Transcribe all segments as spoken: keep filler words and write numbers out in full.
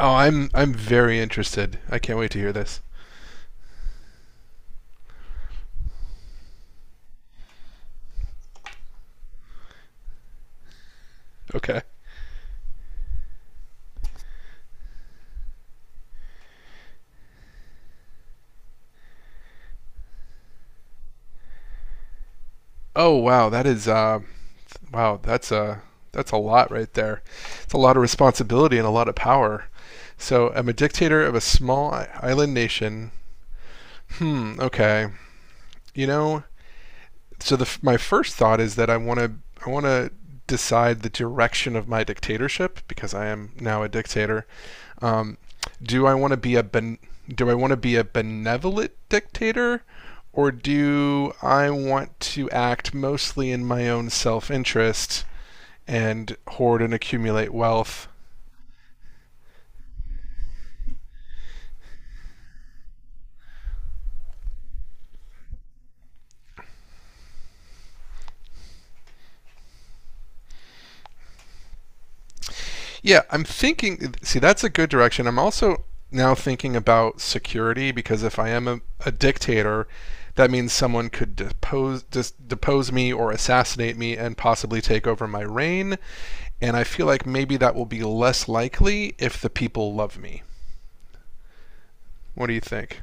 Oh, I'm I'm very interested. I can't wait to hear this. Okay. Oh wow, that is uh, wow, that's a that's a lot right there. It's a lot of responsibility and a lot of power. So I'm a dictator of a small i- island nation. Hmm. Okay. You know, so the f- my first thought is that I want to I want to decide the direction of my dictatorship because I am now a dictator. Um, do I want to be a ben- do I want to be a benevolent dictator, or do I want to act mostly in my own self-interest and hoard and accumulate wealth? Yeah, I'm thinking. See, that's a good direction. I'm also now thinking about security because if I am a, a dictator, that means someone could depose dis, depose me or assassinate me and possibly take over my reign. And I feel like maybe that will be less likely if the people love me. What do you think?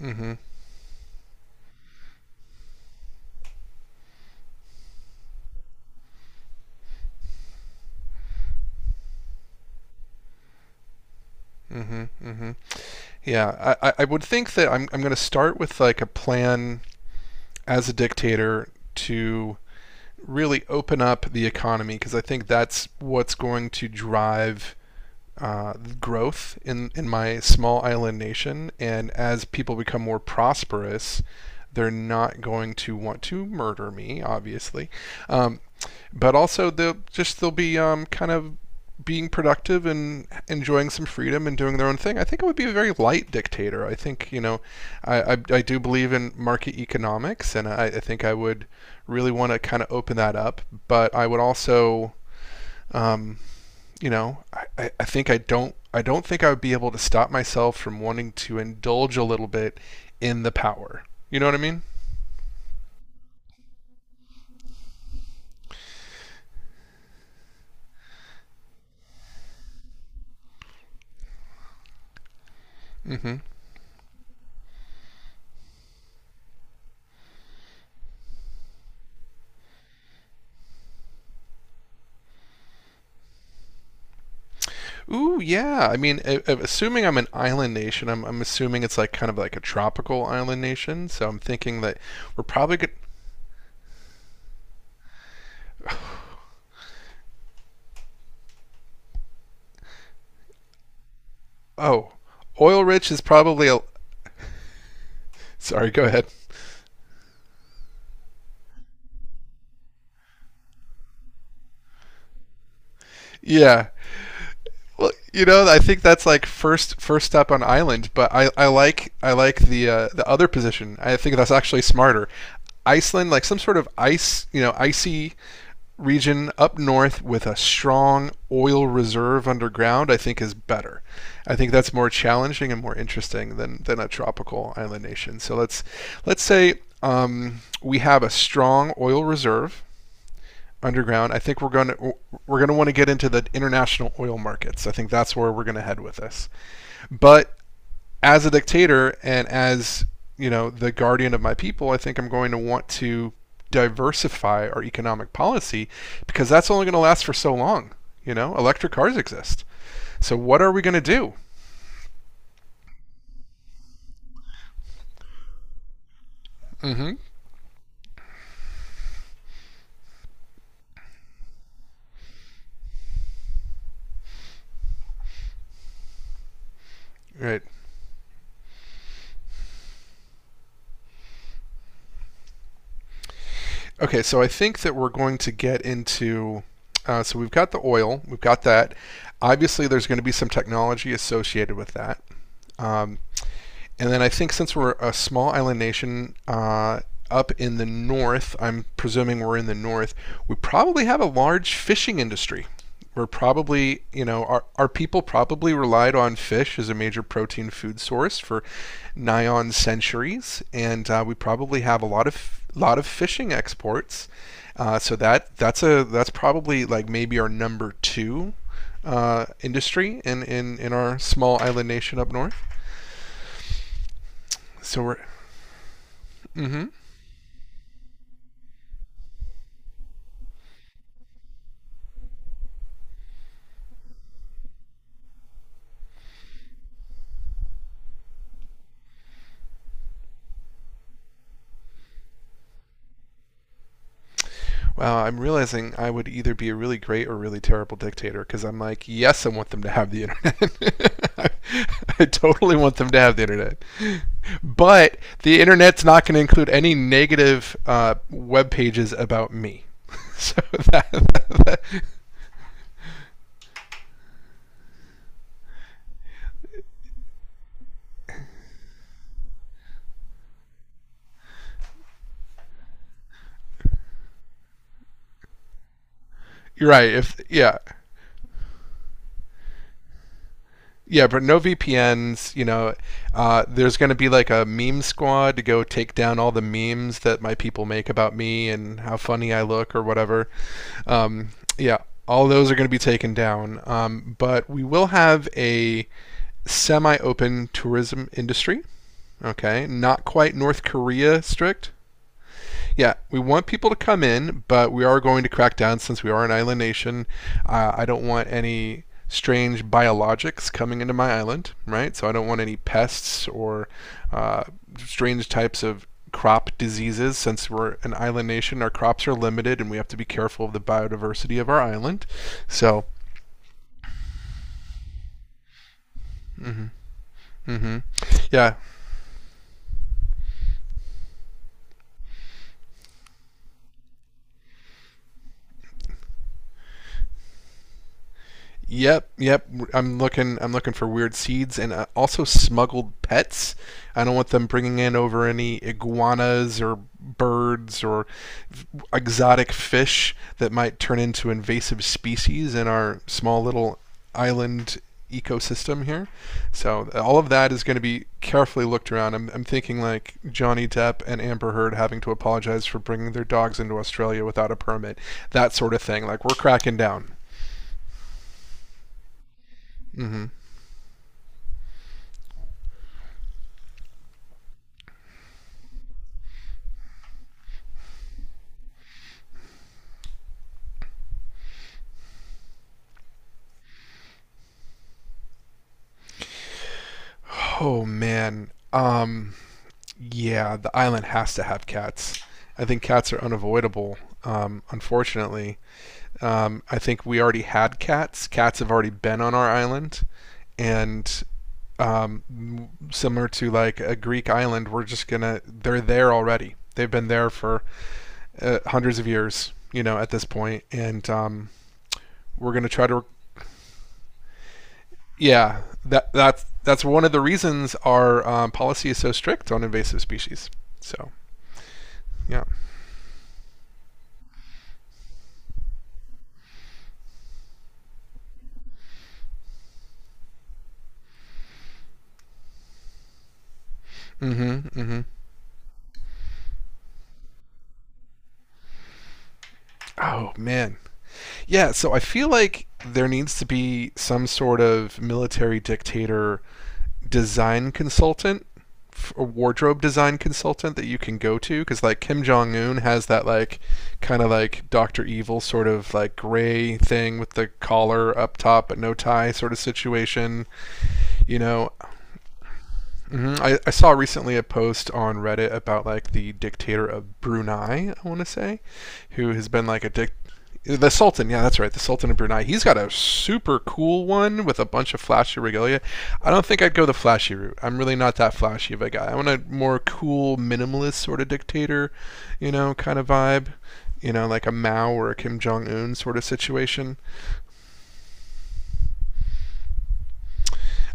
Mm-hmm. Mm-hmm. Mm-hmm. Yeah, I, I- I would think that I'm I'm going to start with like a plan as a dictator to really open up the economy because I think that's what's going to drive uh, growth in, in my small island nation. And as people become more prosperous, they're not going to want to murder me, obviously. Um, but also, they'll just they'll be um, kind of being productive and enjoying some freedom and doing their own thing. I think I would be a very light dictator. I think you know, I I, I do believe in market economics, and I, I think I would really want to kind of open that up. But I would also um, you know, I- I, think I don't I don't think I would be able to stop myself from wanting to indulge a little bit in the power. You know what I mean? Hmm. Ooh, yeah. I mean, a- a- assuming I'm an island nation, I'm, I'm assuming it's like kind of like a tropical island nation. So I'm thinking that we're probably good. Oh, oil rich is probably a. Sorry, go ahead. Yeah. Well, you know, I think that's like first first step on Island, but I, I like I like the uh, the other position. I think that's actually smarter. Iceland, like some sort of ice, you know, icy region up north with a strong oil reserve underground, I think is better. I think that's more challenging and more interesting than than a tropical island nation. So let's let's say um, we have a strong oil reserve underground. I think we're going to we're going to want to get into the international oil markets. I think that's where we're going to head with this. But as a dictator and as you know the guardian of my people, I think I'm going to want to diversify our economic policy because that's only going to last for so long. You know, electric cars exist. So what are we going to do? Mm-hmm. Right. Okay. So I think that we're going to get into. Uh, so we've got the oil. We've got that. Obviously, there's going to be some technology associated with that. Um, and then I think since we're a small island nation uh, up in the north, I'm presuming we're in the north, we probably have a large fishing industry. We're probably, you know, our, our people probably relied on fish as a major protein food source for nigh on centuries, and uh, we probably have a lot of lot of fishing exports. Uh, so that that's a that's probably like maybe our number two uh, industry in, in in our small island nation up north. So we're. Mm-hmm. Wow, I'm realizing I would either be a really great or really terrible dictator because I'm like, yes, I want them to have the internet. I, I totally want them to have the internet, but the internet's not going to include any negative uh, web pages about me. So that, that- that, you're right. If yeah, yeah, but no V P Ns. You know, uh, there's going to be like a meme squad to go take down all the memes that my people make about me and how funny I look or whatever. Um, yeah, all those are going to be taken down. Um, but we will have a semi-open tourism industry. Okay, not quite North Korea strict, yeah, we want people to come in, but we are going to crack down since we are an island nation. Uh, I don't want any strange biologics coming into my island, right? So I don't want any pests or uh, strange types of crop diseases. Since we're an island nation, our crops are limited and we have to be careful of the biodiversity of our island. So, mhm, yeah. Yep, yep. I'm looking. I'm looking for weird seeds and uh, also smuggled pets. I don't want them bringing in over any iguanas or birds or f- exotic fish that might turn into invasive species in our small little island ecosystem here. So uh, all of that is going to be carefully looked around. I'm, I'm thinking like Johnny Depp and Amber Heard having to apologize for bringing their dogs into Australia without a permit, that sort of thing. Like we're cracking down. Mm-hmm. Oh man, um, yeah, the island has to have cats. I think cats are unavoidable. Um, unfortunately, um, I think we already had cats. Cats have already been on our island, and um, similar to like a Greek island, we're just gonna. They're there already. They've been there for uh, hundreds of years, you know, at this point, and um, we're gonna try to. Yeah, that that's that's one of the reasons our um, policy is so strict on invasive species. So yeah. Mm-hmm. Mm-hmm. Oh man. Yeah. So I feel like there needs to be some sort of military dictator design consultant f- a wardrobe design consultant that you can go to because like Kim jong-un has that like kind of like Dr. Evil sort of like gray thing with the collar up top but no tie sort of situation, you know. Hmm. I, I saw recently a post on Reddit about like the dictator of Brunei, I want to say, who has been like a dic the Sultan, yeah, that's right. The Sultan of Brunei. He's got a super cool one with a bunch of flashy regalia. I don't think I'd go the flashy route. I'm really not that flashy of a guy. I want a more cool, minimalist sort of dictator, you know, kind of vibe. You know, like a Mao or a Kim Jong Un sort of situation.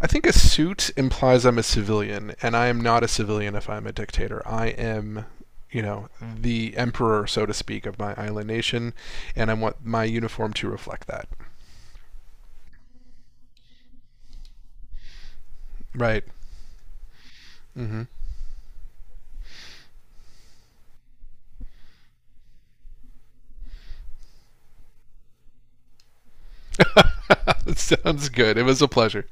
I think a suit implies I'm a civilian, and I am not a civilian if I'm a dictator. I am, you know, the emperor, so to speak, of my island nation, and I want my uniform to reflect that. Right. Mm-hmm. Sounds good. It was a pleasure.